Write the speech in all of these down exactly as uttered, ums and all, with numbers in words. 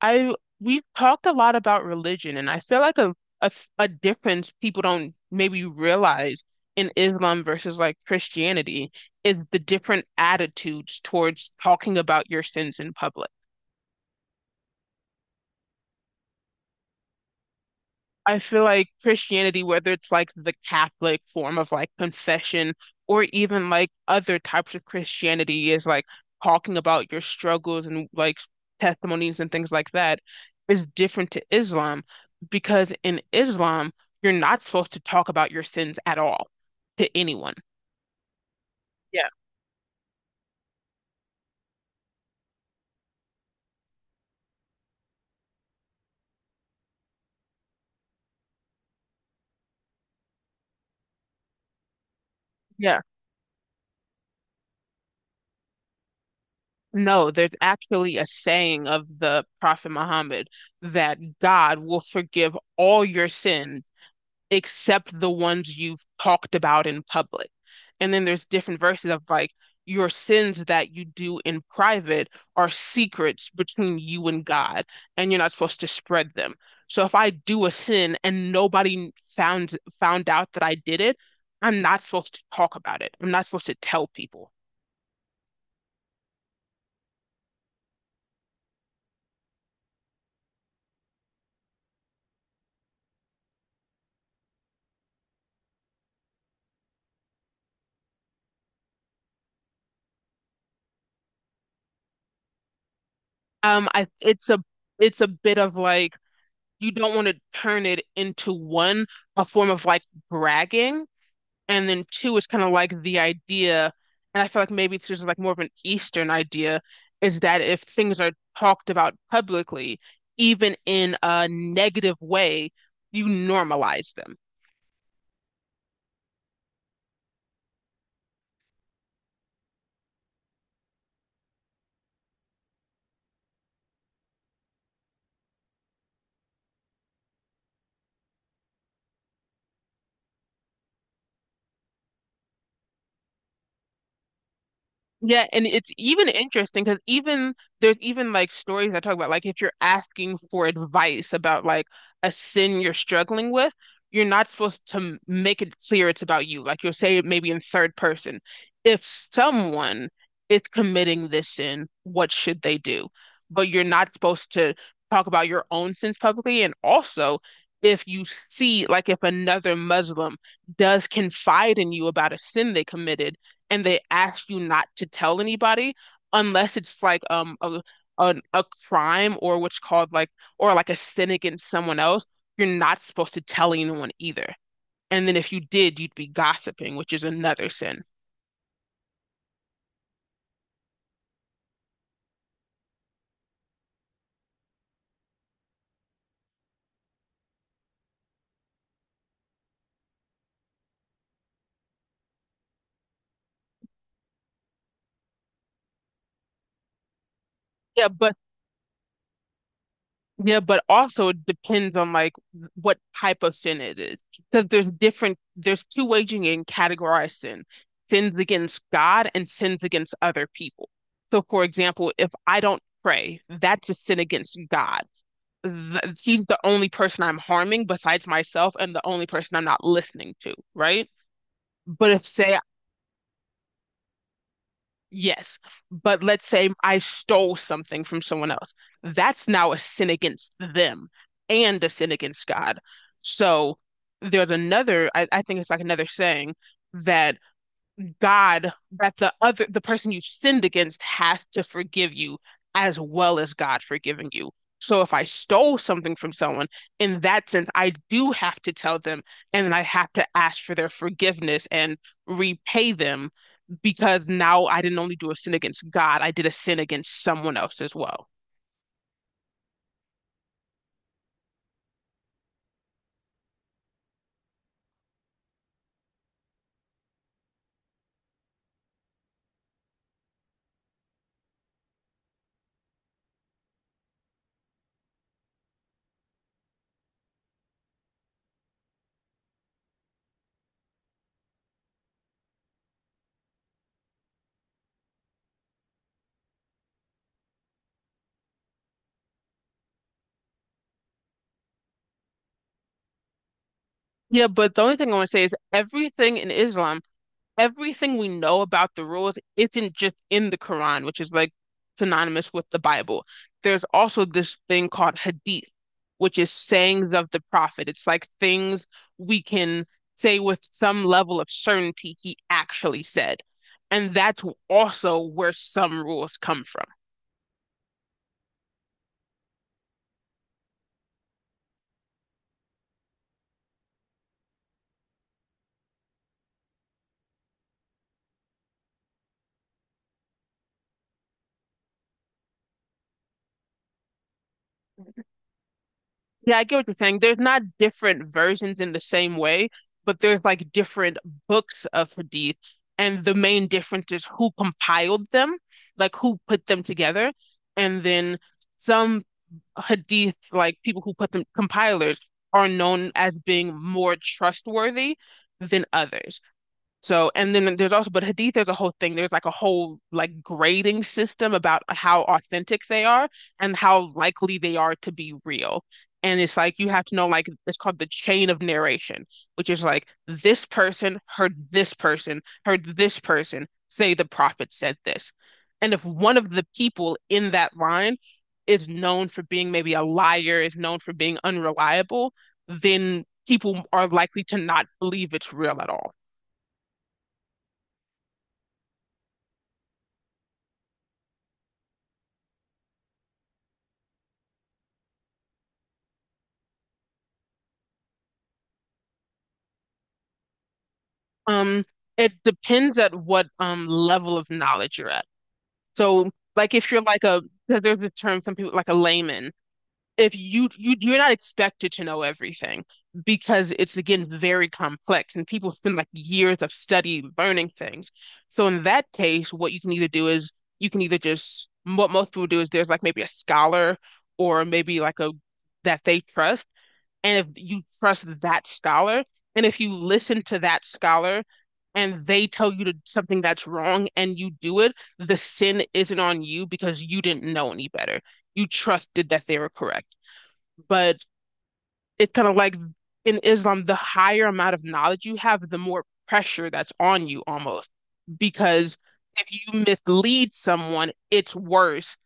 I We've talked a lot about religion, and I feel like a a a difference people don't maybe realize in Islam versus like Christianity is the different attitudes towards talking about your sins in public. I feel like Christianity, whether it's like the Catholic form of like confession or even like other types of Christianity, is like talking about your struggles and like testimonies and things like that, is different to Islam because in Islam, you're not supposed to talk about your sins at all to anyone. Yeah, yeah. No, there's actually a saying of the Prophet Muhammad that God will forgive all your sins except the ones you've talked about in public. And then there's different verses of like, your sins that you do in private are secrets between you and God, and you're not supposed to spread them. So if I do a sin and nobody found found out that I did it, I'm not supposed to talk about it. I'm not supposed to tell people. Um, I It's a it's a bit of like you don't want to turn it into one a form of like bragging. And then two is kind of like the idea, and I feel like maybe it's just like more of an Eastern idea, is that if things are talked about publicly, even in a negative way, you normalize them. Yeah, and it's even interesting because even there's even like stories that talk about like if you're asking for advice about like a sin you're struggling with, you're not supposed to m- make it clear it's about you. Like you'll say it maybe in third person. If someone is committing this sin, what should they do? But you're not supposed to talk about your own sins publicly. And also, if you see like if another Muslim does confide in you about a sin they committed and they ask you not to tell anybody unless it's like um a, a a crime or what's called like or like a sin against someone else, you're not supposed to tell anyone either. And then if you did, you'd be gossiping, which is another sin. Yeah, but yeah, but also it depends on like what type of sin it is. Because there's different there's two ways you can categorize sin. Sins against God and sins against other people. So for example, if I don't pray, that's a sin against God. Th She's the only person I'm harming besides myself and the only person I'm not listening to, right? But if say yes, but let's say I stole something from someone else, that's now a sin against them and a sin against God. So there's another, I, I think it's like another saying that God that the other the person you've sinned against has to forgive you as well as God forgiving you. So if I stole something from someone, in that sense, I do have to tell them and then I have to ask for their forgiveness and repay them because now I didn't only do a sin against God, I did a sin against someone else as well. Yeah, but the only thing I want to say is everything in Islam everything we know about the rules isn't just in the Quran, which is like synonymous with the Bible. There's also this thing called hadith, which is sayings of the Prophet. It's like things we can say with some level of certainty he actually said. And that's also where some rules come from. Yeah, I get what you're saying. There's not different versions in the same way, but there's like different books of hadith, and the main difference is who compiled them, like who put them together, and then some hadith, like people who put them compilers, are known as being more trustworthy than others. So, and then there's also, but Hadith, there's a whole thing. There's like a whole like grading system about how authentic they are and how likely they are to be real. And it's like you have to know like it's called the chain of narration, which is like this person heard this person, heard this person say the prophet said this. And if one of the people in that line is known for being maybe a liar, is known for being unreliable, then people are likely to not believe it's real at all. Um, it depends at what um level of knowledge you're at. So, like if you're like a, 'cause there's a term some people like a layman. If you you you're not expected to know everything because it's again very complex and people spend like years of study learning things. So in that case, what you can either do is you can either just what most people do is there's like maybe a scholar or maybe like a that they trust, and if you trust that scholar, and if you listen to that scholar and they tell you to something that's wrong and you do it, the sin isn't on you because you didn't know any better. You trusted that they were correct. But it's kind of like in Islam, the higher amount of knowledge you have, the more pressure that's on you almost. Because if you mislead someone, it's worse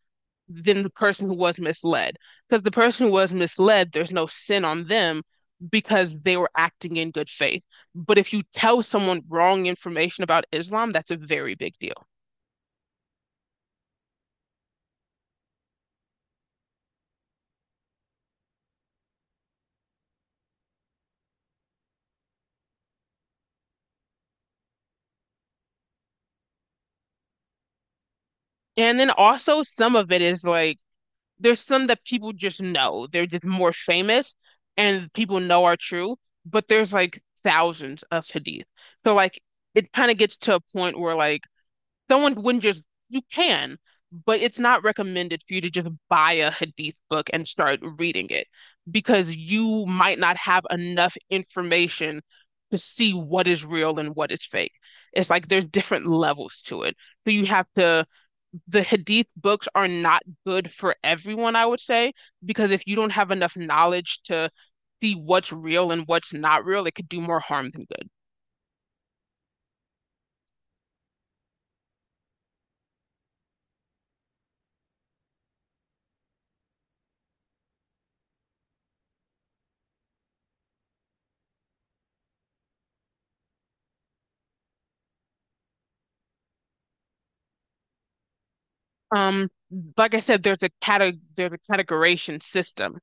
than the person who was misled. Because the person who was misled, there's no sin on them because they were acting in good faith. But if you tell someone wrong information about Islam, that's a very big deal. And then also, some of it is like there's some that people just know, they're just more famous and people know are true, but there's like thousands of hadith. So, like, it kind of gets to a point where, like, someone wouldn't just, you can, but it's not recommended for you to just buy a hadith book and start reading it because you might not have enough information to see what is real and what is fake. It's like there's different levels to it. So you have to, the hadith books are not good for everyone, I would say, because if you don't have enough knowledge to see what's real and what's not real, it could do more harm than good. Um, like I said, there's a cate there's a categorization system.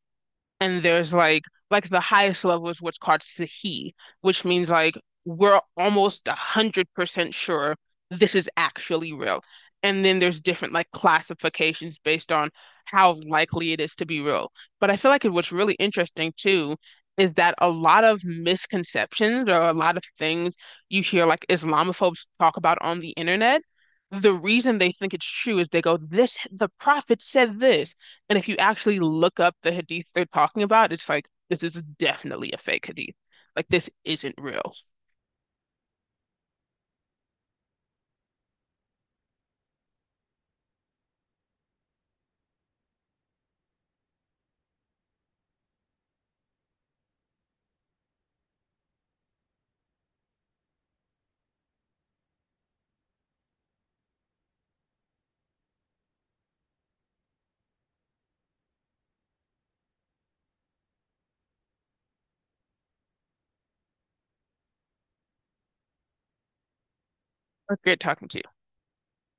And there's like like the highest level is what's called Sahi, which means like we're almost a hundred percent sure this is actually real. And then there's different like classifications based on how likely it is to be real. But I feel like what's really interesting too is that a lot of misconceptions or a lot of things you hear like Islamophobes talk about on the internet, the reason they think it's true is they go, this, the prophet said this. And if you actually look up the hadith they're talking about, it's like, this is definitely a fake hadith. Like, this isn't real. Great talking to you.